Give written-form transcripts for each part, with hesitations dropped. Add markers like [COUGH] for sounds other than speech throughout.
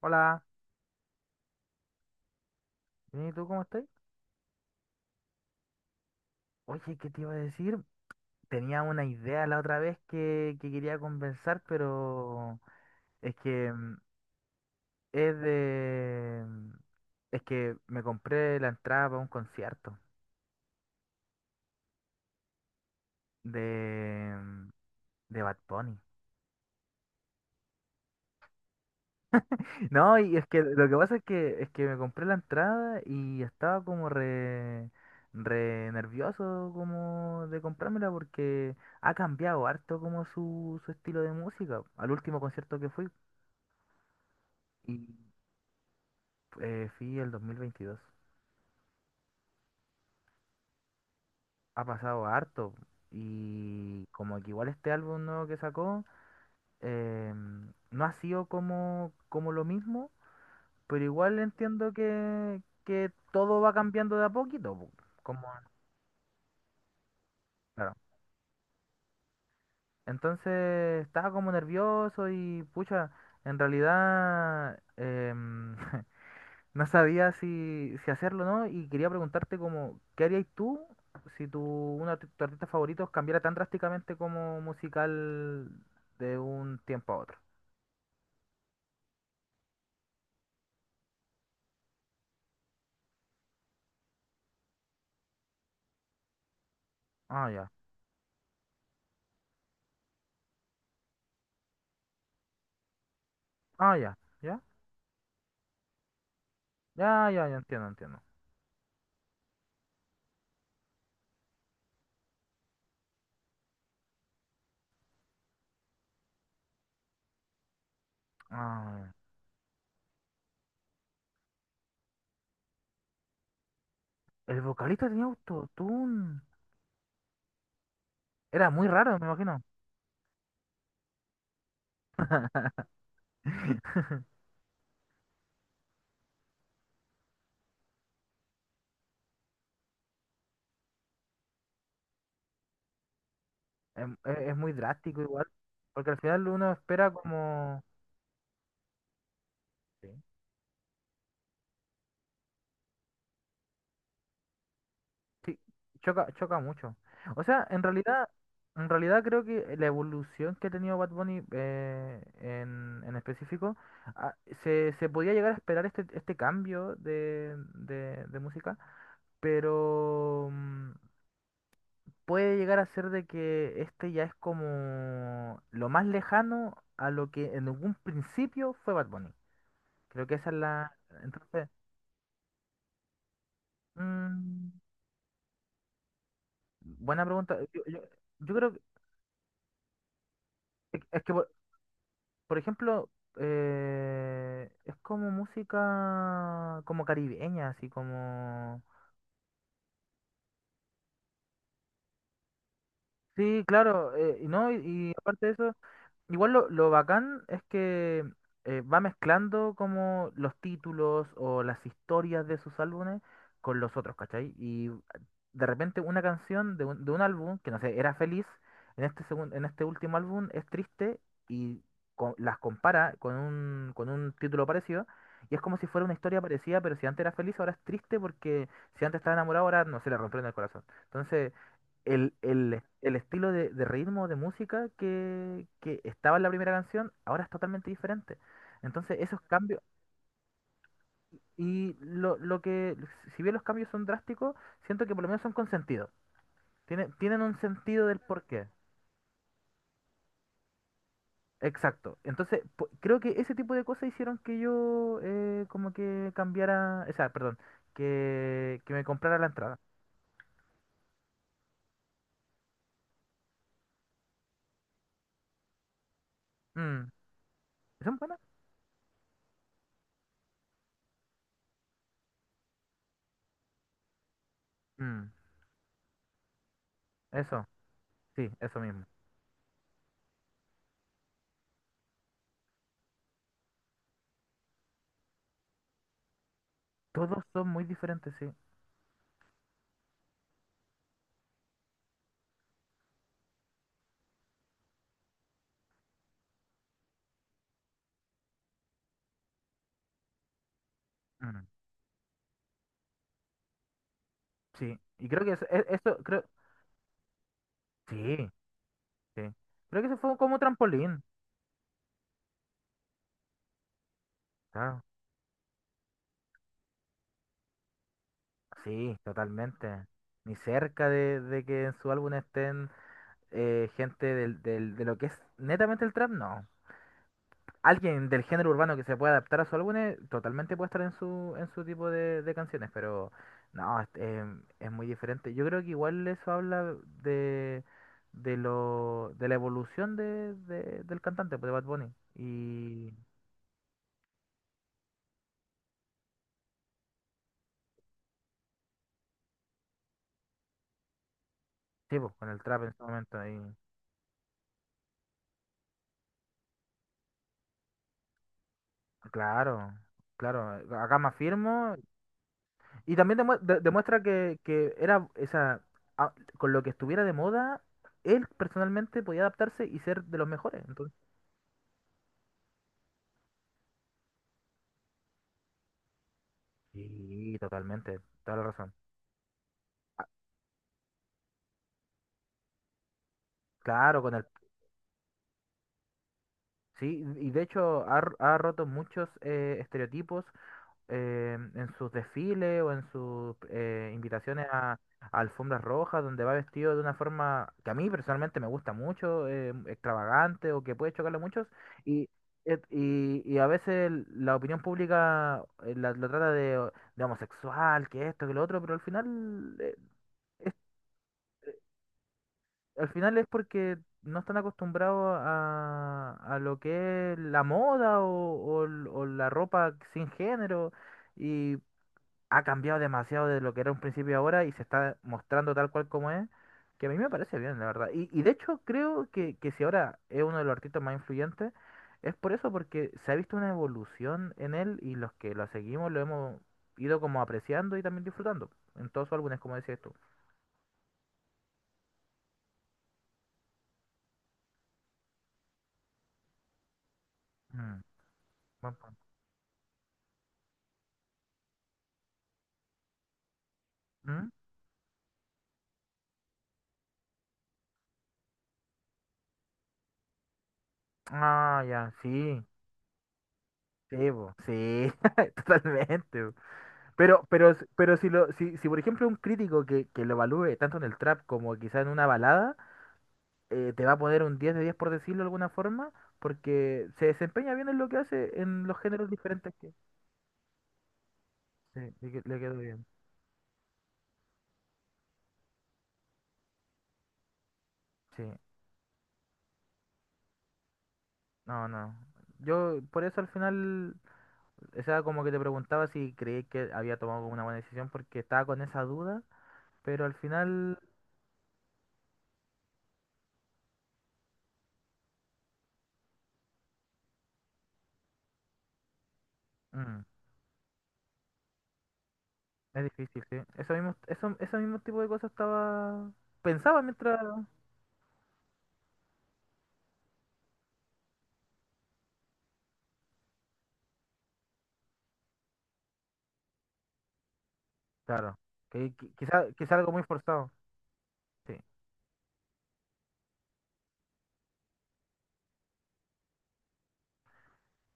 Hola, bien, ¿y tú cómo estás? Oye, ¿qué te iba a decir? Tenía una idea la otra vez que quería conversar, pero es que es de... es que me compré la entrada para un concierto de, de Bad Bunny. No, y es que lo que pasa es que me compré la entrada y estaba como re, re nervioso como de comprármela porque ha cambiado harto como su estilo de música. Al último concierto que fui y fui el 2022. Ha pasado harto y como que igual este álbum nuevo que sacó, no ha sido como lo mismo, pero igual entiendo que todo va cambiando de a poquito, po, como claro. Entonces estaba como nervioso y pucha, en realidad [LAUGHS] no sabía si hacerlo o no y quería preguntarte como, ¿qué harías tú si tu, uno de tus artistas favoritos cambiara tan drásticamente como musical de un tiempo a otro? Ah, ya. Ah, ya. ¿Ya? Ya, ya, ya entiendo, entiendo. Ah, el vocalista tenía autotune. Era muy raro, me imagino. [LAUGHS] Es muy drástico igual, porque al final uno espera como... Sí. Sí, choca, choca mucho. O sea, en realidad creo que la evolución que ha tenido Bad Bunny en específico, ah, se, se podía llegar a esperar este, este cambio de música, pero puede llegar a ser de que este ya es como lo más lejano a lo que en algún principio fue Bad Bunny. Creo que esa es la... Entonces, mm, buena pregunta. Yo creo que... Es que, por ejemplo, es como música como caribeña, así como... Sí, claro, y ¿no? Y aparte de eso, igual lo bacán es que va mezclando como los títulos o las historias de sus álbumes con los otros, ¿cachai? Y de repente una canción de un álbum, que no sé, era feliz, en este en este último álbum es triste y las compara con un título parecido y es como si fuera una historia parecida, pero si antes era feliz, ahora es triste porque si antes estaba enamorado, ahora no se le rompió el corazón. Entonces el estilo de ritmo de música que estaba en la primera canción ahora es totalmente diferente. Entonces, esos cambios, y si bien los cambios son drásticos, siento que por lo menos son con sentido. Tienen, tienen un sentido del porqué. Exacto. Entonces, creo que ese tipo de cosas hicieron que yo como que cambiara, o sea, perdón, que me comprara la entrada. Mm, ¿son buenas? Mm, eso, sí, eso mismo. Todos son muy diferentes, sí. Mm. Sí, y creo que eso, eso creo, sí, sí. Creo que eso fue como trampolín. Claro. Sí, totalmente. Ni cerca de que en su álbum estén gente de lo que es netamente el trap, no. Alguien del género urbano que se pueda adaptar a su álbum totalmente puede estar en su tipo de canciones, pero no, es, es muy diferente. Yo creo que igual eso habla de, de lo, de la evolución del cantante, pues, de Bad Bunny. Sí, pues, con el trap en ese momento ahí. Claro, claro, acá más firmo. Y también demuestra que era esa, a- con lo que estuviera de moda, él personalmente podía adaptarse y ser de los mejores. Entonces, sí, totalmente, toda la razón. Claro, con el, sí, y de hecho ha, ha roto muchos estereotipos en sus desfiles o en sus invitaciones a alfombras rojas, donde va vestido de una forma que a mí personalmente me gusta mucho, extravagante o que puede chocarle a muchos, y, y a veces la opinión pública lo trata de homosexual, que esto, que lo otro, pero al final, es, al final es porque... no están acostumbrados a lo que es la moda o, o la ropa sin género. Y ha cambiado demasiado de lo que era un principio ahora y se está mostrando tal cual como es, que a mí me parece bien, la verdad. Y de hecho creo que si ahora es uno de los artistas más influyentes, es por eso, porque se ha visto una evolución en él y los que lo seguimos lo hemos ido como apreciando y también disfrutando en todos sus álbumes, como decías tú. Mm, buen punto. ¿Mm? Ah, ya, sí. Sí, po, sí, [LAUGHS] totalmente. Po. Pero, pero si lo, si, si por ejemplo un crítico que lo evalúe tanto en el trap como quizá en una balada, te va a poner un 10 de 10 por decirlo de alguna forma, porque se desempeña bien en lo que hace en los géneros diferentes que... Sí, le, le quedó bien. Sí, no, no. Yo por eso al final, o sea, como que te preguntaba si creí que había tomado como una buena decisión porque estaba con esa duda, pero al final mm, es difícil, sí. Eso mismo, eso, ese mismo tipo de cosas estaba... Pensaba mientras... Claro, que, quizás quizá, quizá algo muy forzado. Sí.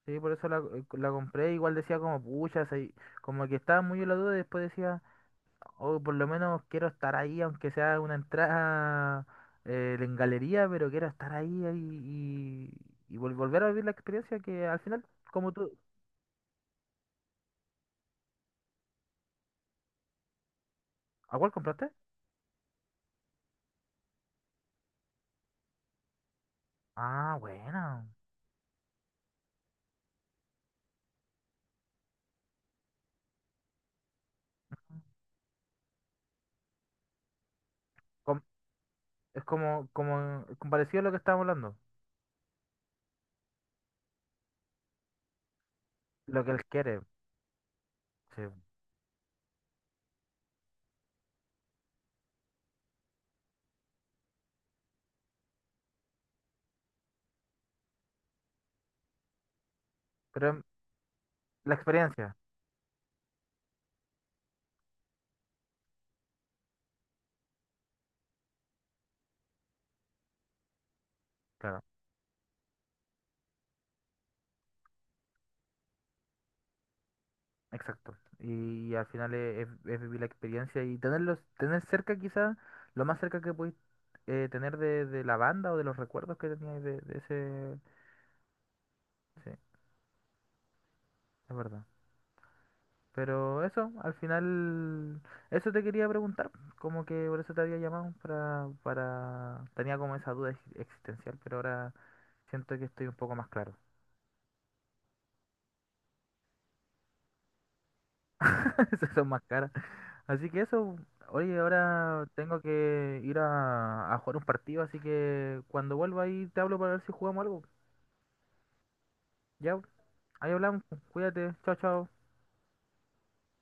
Sí, por eso la, la compré. Igual decía como, pucha, como que estaba muy en la duda. Y después decía, oh, por lo menos quiero estar ahí, aunque sea una entrada en galería, pero quiero estar ahí, ahí, y volver a vivir la experiencia que al final, como tú, ¿a cuál compraste? Ah, bueno. Com- es como, como, como parecido a lo que estábamos hablando, lo que él quiere, sí. Pero la experiencia, claro. Exacto. Y, al final es, es vivir la experiencia y tenerlos, tener cerca quizás lo más cerca que podéis tener de la banda o de los recuerdos que teníais de ese... Sí, es verdad. Pero eso, al final, eso te quería preguntar, como que por eso te había llamado, para... Tenía como esa duda existencial, pero ahora siento que estoy un poco más claro. [LAUGHS] Esas son más caras. Así que eso, oye, ahora tengo que ir a jugar un partido, así que cuando vuelva ahí te hablo para ver si jugamos algo. Ya, ahí hablamos. Pues, cuídate. Chao, chao.